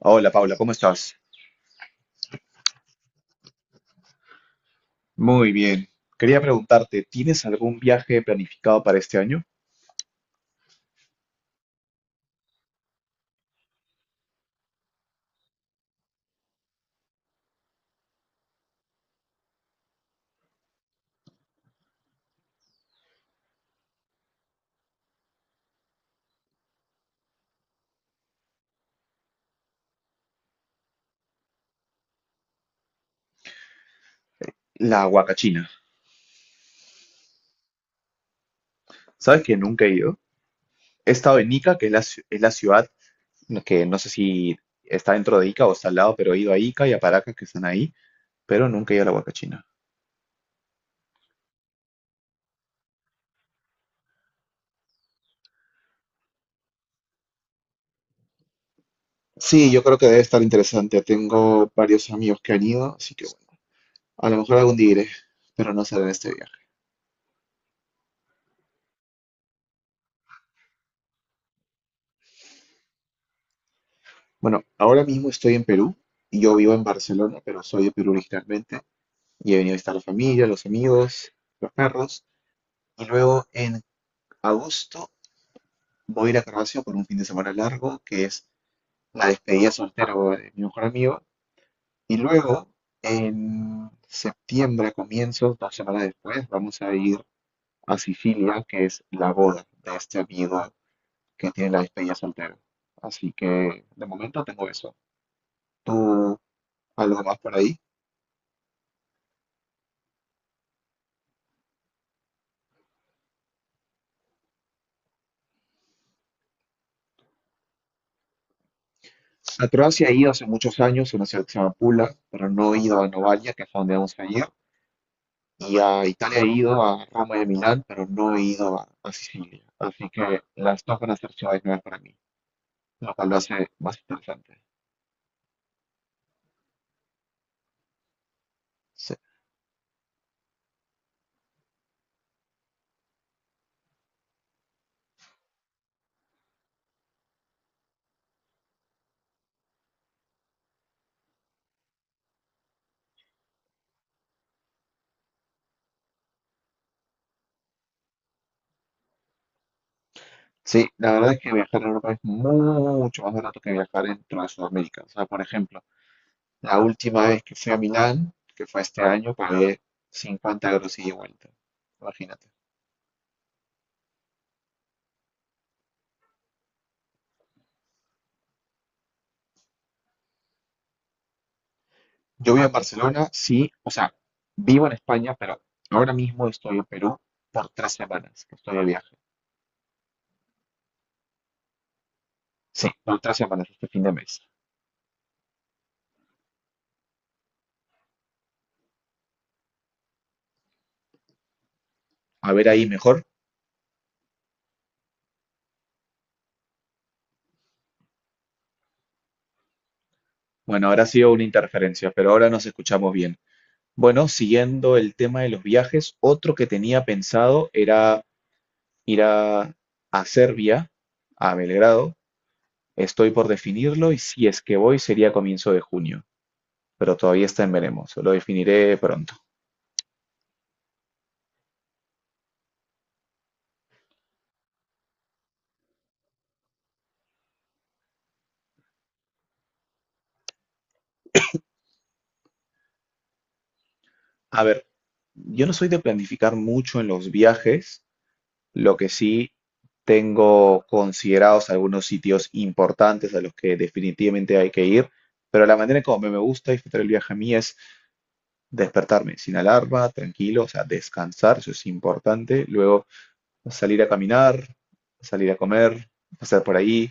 Hola Paula, ¿cómo estás? Muy bien. Quería preguntarte, ¿tienes algún viaje planificado para este año? La Huacachina. ¿Sabes que nunca he ido? He estado en Ica, que es la ciudad que no sé si está dentro de Ica o está al lado, pero he ido a Ica y a Paracas que están ahí, pero nunca he ido a la Huacachina. Sí, yo creo que debe estar interesante. Tengo varios amigos que han ido, así que bueno, a lo mejor algún día iré, pero no será en este viaje. Bueno, ahora mismo estoy en Perú y yo vivo en Barcelona, pero soy de Perú originalmente. Y he venido a visitar la familia, los amigos, los perros. Y luego en agosto voy a ir a Croacia por un fin de semana largo, que es la despedida soltero de mi mejor amigo. Y luego en septiembre, a comienzos, 2 semanas después, vamos a ir a Sicilia, que es la boda de este amigo que tiene la despedida soltero. Así que de momento tengo eso. ¿Tú algo más por ahí? A Croacia he ido hace muchos años, a una ciudad que se llama Pula, pero no he ido a Novalia, que es a donde vamos a ir. Y a Italia he ido, a Roma y a Milán, pero no he ido a Sicilia. Así que las dos van a ser ciudades nuevas para mí, lo cual lo hace más interesante. Sí, sí, la verdad es que viajar a Europa es mucho más barato que viajar dentro de Sudamérica. O sea, por ejemplo, la última vez que fui a Milán, que fue este año, pagué 50 euros ida y vuelta. Imagínate. Yo vivo en Barcelona, sí, o sea, vivo en España, pero ahora mismo estoy en Perú por 3 semanas que estoy de viaje. Sí, por 3 semanas este fin de mes. A ver ahí mejor. Bueno, ahora ha sido una interferencia, pero ahora nos escuchamos bien. Bueno, siguiendo el tema de los viajes, otro que tenía pensado era ir a Serbia, a Belgrado. Estoy por definirlo y si es que voy sería a comienzo de junio, pero todavía está en veremos, lo definiré pronto. A ver, yo no soy de planificar mucho en los viajes. Lo que sí, tengo considerados algunos sitios importantes a los que definitivamente hay que ir, pero la manera como me gusta disfrutar el viaje a mí es despertarme sin alarma, tranquilo, o sea, descansar, eso es importante. Luego salir a caminar, salir a comer, pasar por ahí,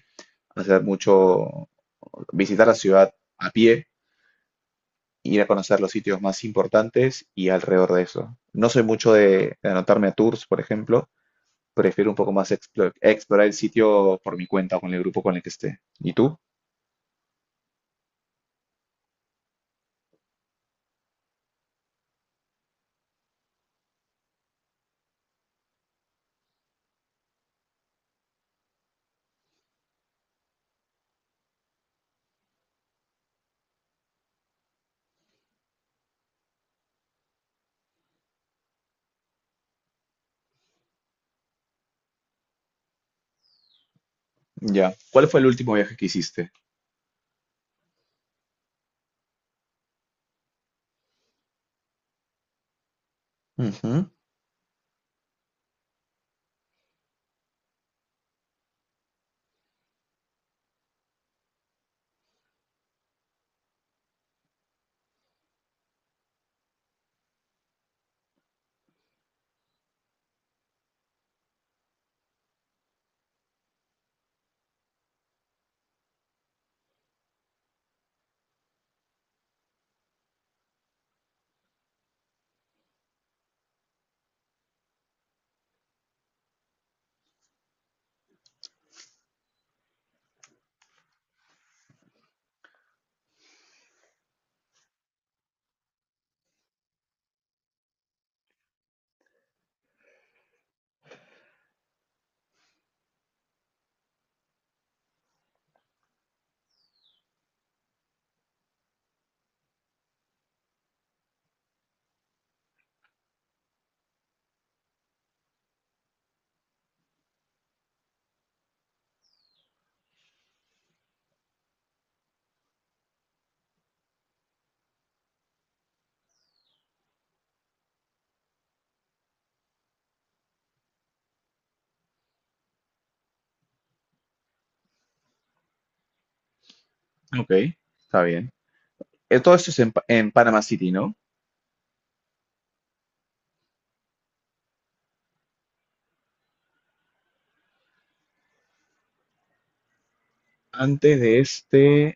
hacer mucho, visitar la ciudad a pie, ir a conocer los sitios más importantes y alrededor de eso. No soy mucho de anotarme a tours, por ejemplo, prefiero un poco más explorar el sitio por mi cuenta o con el grupo con el que esté. ¿Y tú? Ya. ¿Cuál fue el último viaje que hiciste? Ujú. Ok, está bien. Todo esto es en Panama City, ¿no? Antes de este,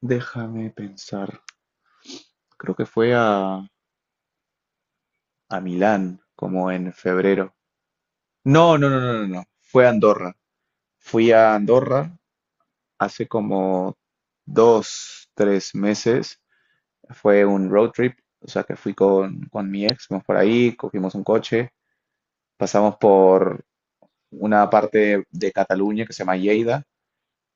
déjame pensar. Creo que fue a Milán, como en febrero. No, no, no, no, no, no. Fue a Andorra. Fui a Andorra hace como 2, 3 meses. Fue un road trip, o sea que fui con mi ex, fuimos por ahí, cogimos un coche, pasamos por una parte de Cataluña que se llama Lleida,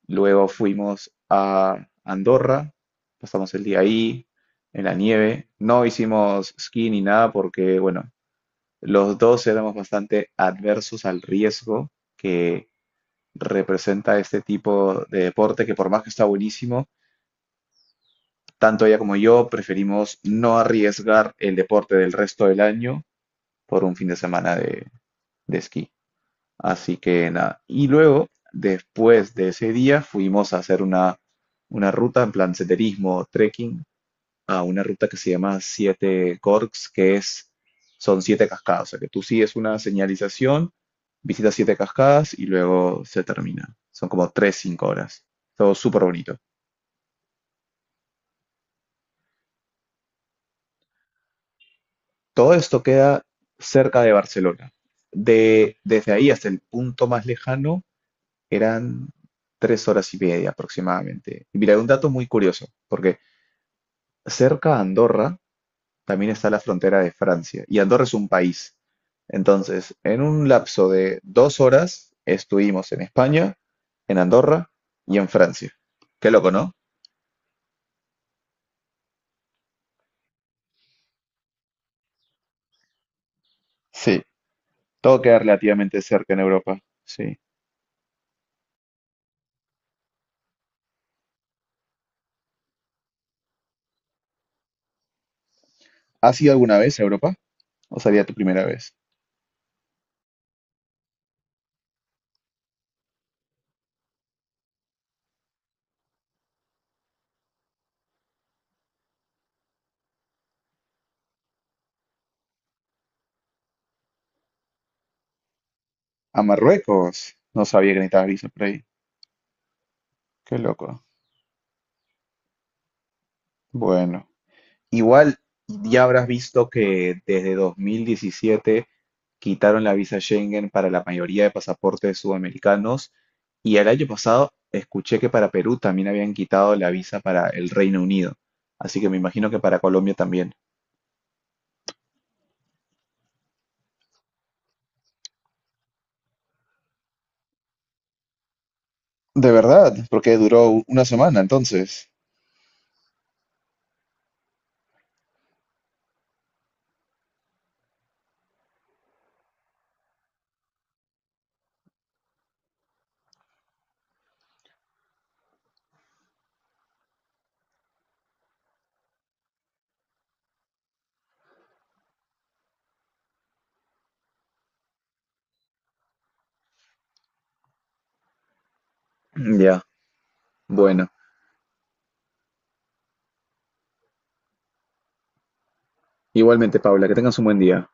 luego fuimos a Andorra, pasamos el día ahí, en la nieve, no hicimos ski ni nada porque, bueno, los dos éramos bastante adversos al riesgo que representa este tipo de deporte, que por más que está buenísimo, tanto ella como yo preferimos no arriesgar el deporte del resto del año por un fin de semana de esquí. Así que nada. Y luego, después de ese día, fuimos a hacer una ruta en plan senderismo, trekking, a una ruta que se llama Siete Corks, son siete cascadas. O sea, que tú sigues una señalización, visitas siete cascadas y luego se termina. Son como 3, 5 horas. Todo súper bonito. Todo esto queda cerca de Barcelona. Desde ahí hasta el punto más lejano. Eran 3 horas y media aproximadamente. Y mira, un dato muy curioso, porque cerca a Andorra también está la frontera de Francia, y Andorra es un país. Entonces, en un lapso de 2 horas estuvimos en España, en Andorra y en Francia. Qué loco, ¿no? Sí, todo queda relativamente cerca en Europa. Sí. ¿Has ido alguna vez a Europa? ¿O sería tu primera vez? A Marruecos. No sabía que necesitabas visa por ahí. Qué loco. Bueno. Igual ya habrás visto que desde 2017 quitaron la visa Schengen para la mayoría de pasaportes sudamericanos y el año pasado escuché que para Perú también habían quitado la visa para el Reino Unido. Así que me imagino que para Colombia también. De verdad, porque duró una semana entonces. Ya, bueno. Igualmente, Paula, que tengas un buen día.